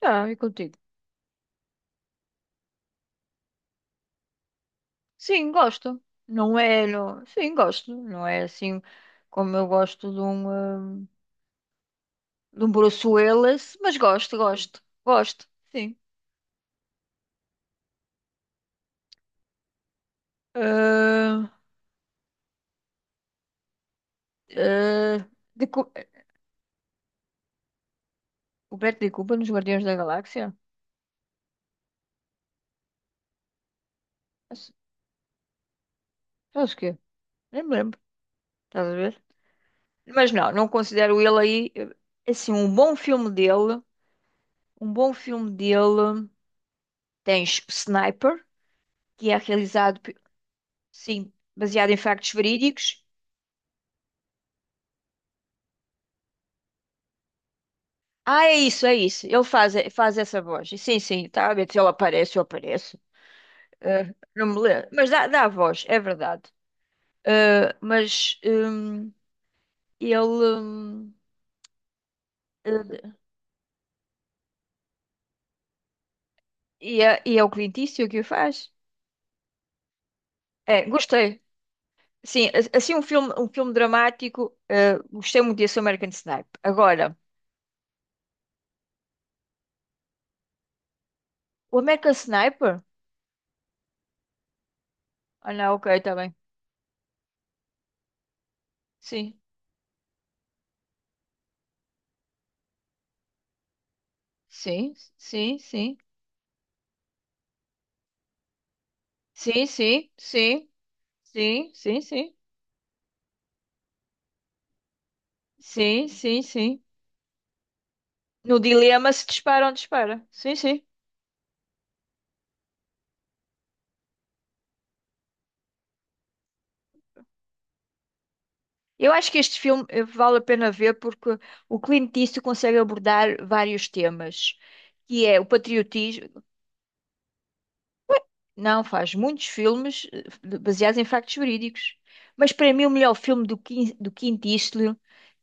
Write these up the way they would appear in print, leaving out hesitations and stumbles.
Tá, e contigo? Sim, gosto. Não é, não. Sim, gosto. Não é assim como eu gosto de um Bruce Willis, mas gosto, gosto, gosto, sim. Ah, ah, de Cu- o Beto de Cuba nos Guardiões da Galáxia? Acho acho que é. Nem me lembro, estás a ver? Mas não, não considero ele aí, assim, um bom filme dele. Um bom filme dele, tens Sniper, que é realizado, sim, baseado em factos verídicos. Ah, é isso, é isso. Ele faz essa voz. Sim, sim, tá a ver se ele aparece, eu apareço. Ah, não me lembro. Mas dá a voz, é verdade. Ah, mas ele. hum, ah, e é o Clint Eastwood que o faz. É, gostei. Sim, assim um filme dramático. Gostei muito desse American Sniper. Agora, o American Sniper? Ah, não, ok, está bem. Sim, sim, sim, sim. Sim, sim, sim. Sim, sim, sim. Sim, sim, sim. No dilema se dispara ou dispara. Sim, sim. Eu acho que este filme vale a pena ver porque o Clint Eastwood consegue abordar vários temas, que é o patriotismo. Não, faz muitos filmes baseados em factos verídicos. Mas para mim o melhor filme do Clint Eastwood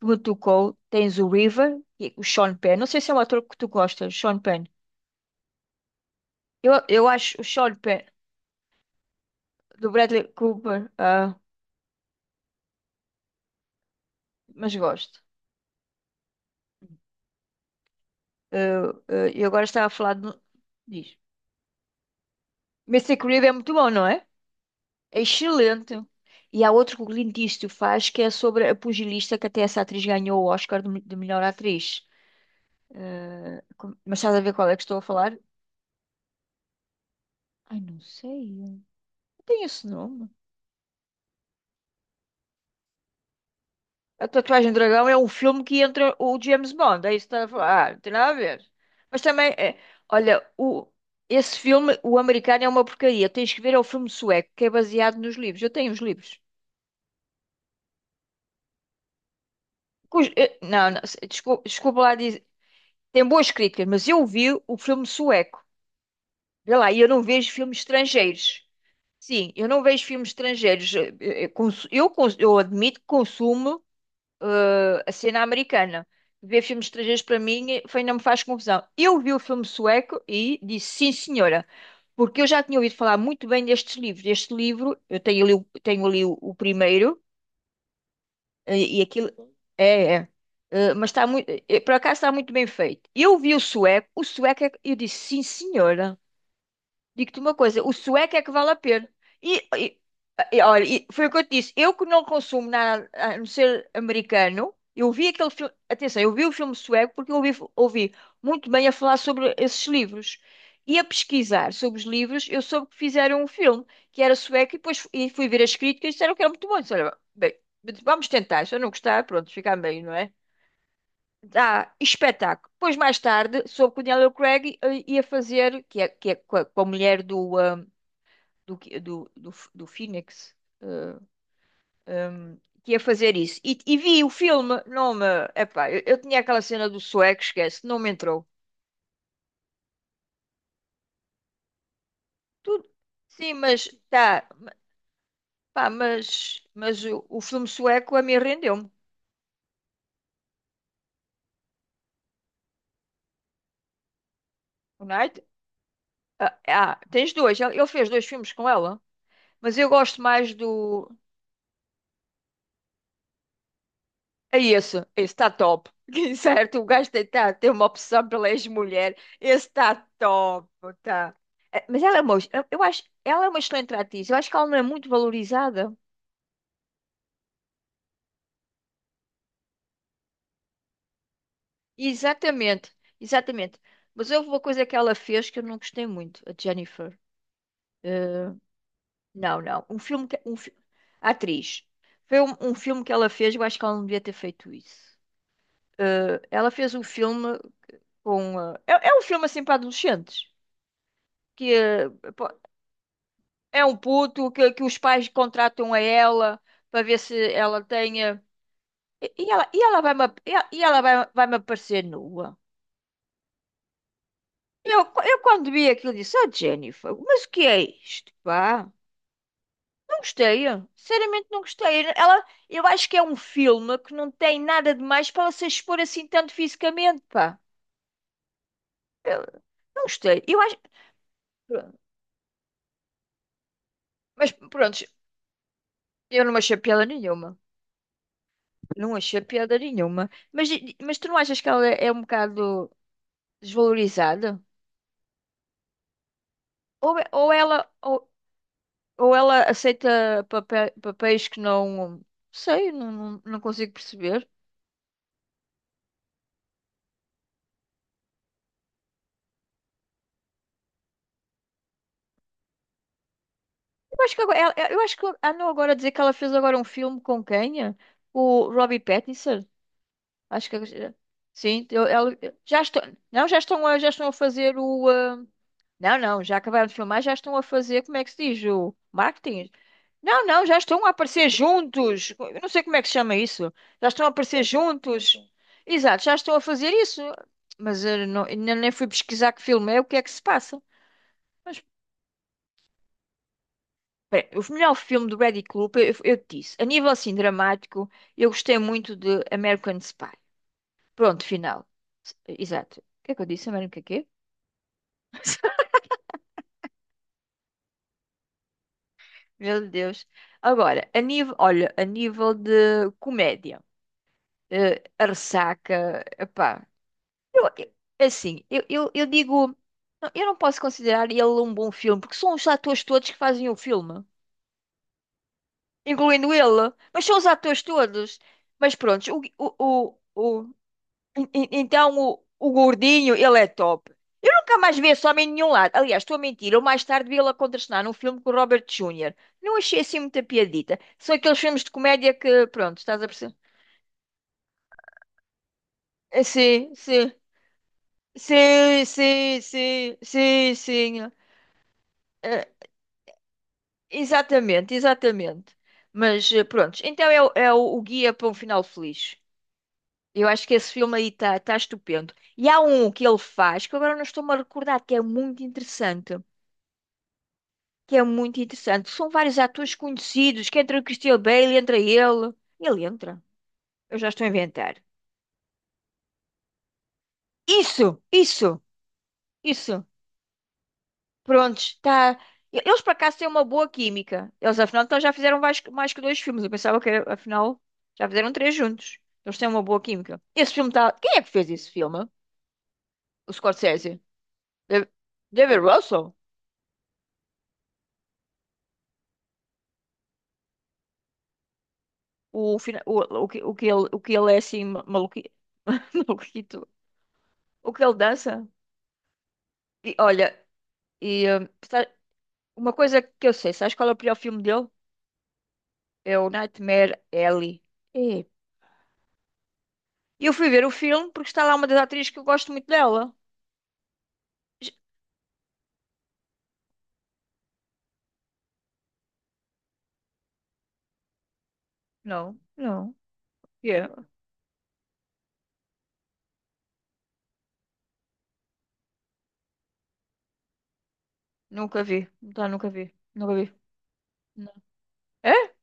que me tocou, tens o River, que é o Sean Penn. Não sei se é um ator que tu gostas, Sean Penn. Eu acho o Sean Penn, do Bradley Cooper, mas gosto. Eh, eu agora estava a falar de. Diz. Mr. Creed é muito bom, não é? É excelente. E há outro que o Clint Eastwood faz que é sobre a pugilista que até essa atriz ganhou o Oscar de melhor atriz. Mas estás a ver qual é que estou a falar? Ai, não sei. Não. Tem esse nome. A Tatuagem do Dragão é um filme que entra o James Bond. É isso que estás a falar. Ah, não tem nada a ver. Mas também, é, olha, esse filme, o americano, é uma porcaria. Tens que ver, é o filme sueco, que é baseado nos livros. Eu tenho os livros. Não, não, desculpa lá dizer. Tem boas críticas, mas eu vi o filme sueco. Vê lá, e eu não vejo filmes estrangeiros. Sim, eu não vejo filmes estrangeiros. Eu admito que consumo a cena americana. Ver filmes estrangeiros para mim foi, não me faz confusão. Eu vi o filme sueco e disse sim, senhora, porque eu já tinha ouvido falar muito bem destes livros. Este livro, eu tenho ali, tenho ali o primeiro. E aquilo. É, é. Mas está muito. Por acaso está muito bem feito. Eu vi o sueco, eu disse, sim, senhora. Digo-te uma coisa, o sueco é que vale a pena. E, e- olha, e foi o que eu te disse. Eu que não consumo nada a não ser americano, eu vi aquele filme. Atenção, eu vi o filme sueco porque eu ouvi muito bem a falar sobre esses livros. E a pesquisar sobre os livros, eu soube que fizeram um filme que era sueco e depois e fui ver as críticas e disseram que era muito bom. Disse, olha, bem, vamos tentar. Se eu não gostar, pronto, fica bem, não é? Dá espetáculo. Depois, mais tarde, soube que o Daniel Craig ia fazer, que é com a mulher do, que- do, do, do Phoenix, eh, um, que ia fazer isso. E vi o filme, não me. Epá, eu tinha aquela cena do sueco, esquece, não me entrou. Tudo. Sim, mas tá. Pá, mas o filme sueco a mim rendeu-me. O Night. Tens dois. Ele fez dois filmes com ela, mas eu gosto mais do. É esse, esse está top. Certo, o gajo tem, tá, tem uma opção pela ex-mulher. Esse está top, tá. Mas ela é uma, eu acho, ela é uma excelente atriz. Eu acho que ela não é muito valorizada. Exatamente, exatamente. Mas houve uma coisa que ela fez que eu não gostei muito, a Jennifer. Eh, não, não. Um filme que, a atriz. Foi um filme que ela fez, eu acho que ela não devia ter feito isso. Ela fez um filme com. É um filme assim para adolescentes. Que pô, é um puto que os pais contratam a ela para ver se ela tenha. E ela vai-me aparecer nua. Eu quando vi aquilo disse, ah, Jennifer, mas o que é isto, pá? Não gostei, sinceramente não gostei. Ela, eu acho que é um filme que não tem nada de mais para ela se expor assim tanto fisicamente, pá. Eu não gostei. Eu acho, pronto. Mas pronto, eu não achei piada nenhuma. Não achei piada nenhuma. Mas tu não achas que ela é um bocado desvalorizada? Ou, ou ela, ou, Ou ela aceita papéis que não. Sei, não, não, não consigo perceber. Eu acho que agora, eu acho que andam agora a dizer que ela fez agora um filme com quem? É? O Robbie Pattinson. Acho que. Sim, ela, já estão. Não, já estão, já estão a fazer o. Não, não, já acabaram de filmar, já estão a fazer, como é que se diz? O marketing. Não, não, já estão a aparecer juntos. Eu não sei como é que se chama isso. Já estão a aparecer juntos. Exato, já estão a fazer isso. Mas eu ainda nem fui pesquisar que filme é, o que é que se passa. Mas, pera, o melhor filme do Brady Cooper, eu te disse, a nível assim dramático, eu gostei muito de American Spy. Pronto, final. Exato. O que é que eu disse? American quê? Meu Deus. Agora, a nível, olha, a nível de comédia, a ressaca, epá. Eu, eu- assim, eu digo, não, eu não posso considerar ele um bom filme, porque são os atores todos que fazem o filme, incluindo ele, mas são os atores todos. Mas pronto, o, o, o, o- então o gordinho, ele é top. Eu nunca mais vi esse homem em nenhum lado. Aliás, estou a mentir, eu mais tarde vi ele a contracenar num filme com o Robert Jr. Não achei assim muita piadita. São aqueles filmes de comédia que, pronto, estás a perceber? Sim, sim, sim, sim, sim, sim, sim. Exatamente, exatamente. Mas pronto, então o guia para um final feliz. Eu acho que esse filme aí está estupendo. E há um que ele faz, que agora não estou-me a recordar, que é muito interessante. Que é muito interessante. São vários atores conhecidos, que entra o Christian Bale, entra ele. Ele entra. Eu já estou a inventar. Isso, isso, isso. Prontos, tá. Eles por acaso têm uma boa química. Eles afinal então já fizeram mais que dois filmes. Eu pensava que afinal já fizeram três juntos. Eles têm uma boa química. Esse filme tá. Quem é que fez esse filme? O Scorsese? Da- David Russell? O que ele é assim maluqui. Maluquito? O que ele dança? E olha, e, hum, sa- uma coisa que eu sei, sabes qual é o pior filme dele? É o Nightmare Alley. É. E eu fui ver o filme porque está lá uma das atrizes que eu gosto muito dela. Não, não. Yeah. Nunca vi. Tá, nunca vi. Nunca vi. Não. É?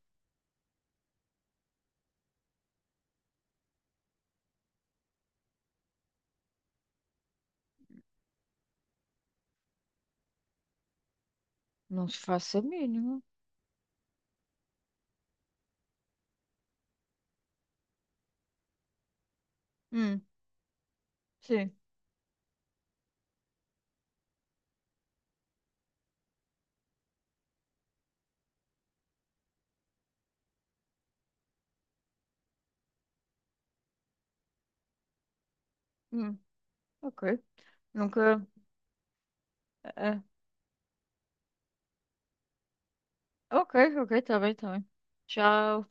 Não se faça a mínima. Hum, sim. Hum, ok. Nunca. É, é. Ok, ok, tá bem, tá bem. Tchau.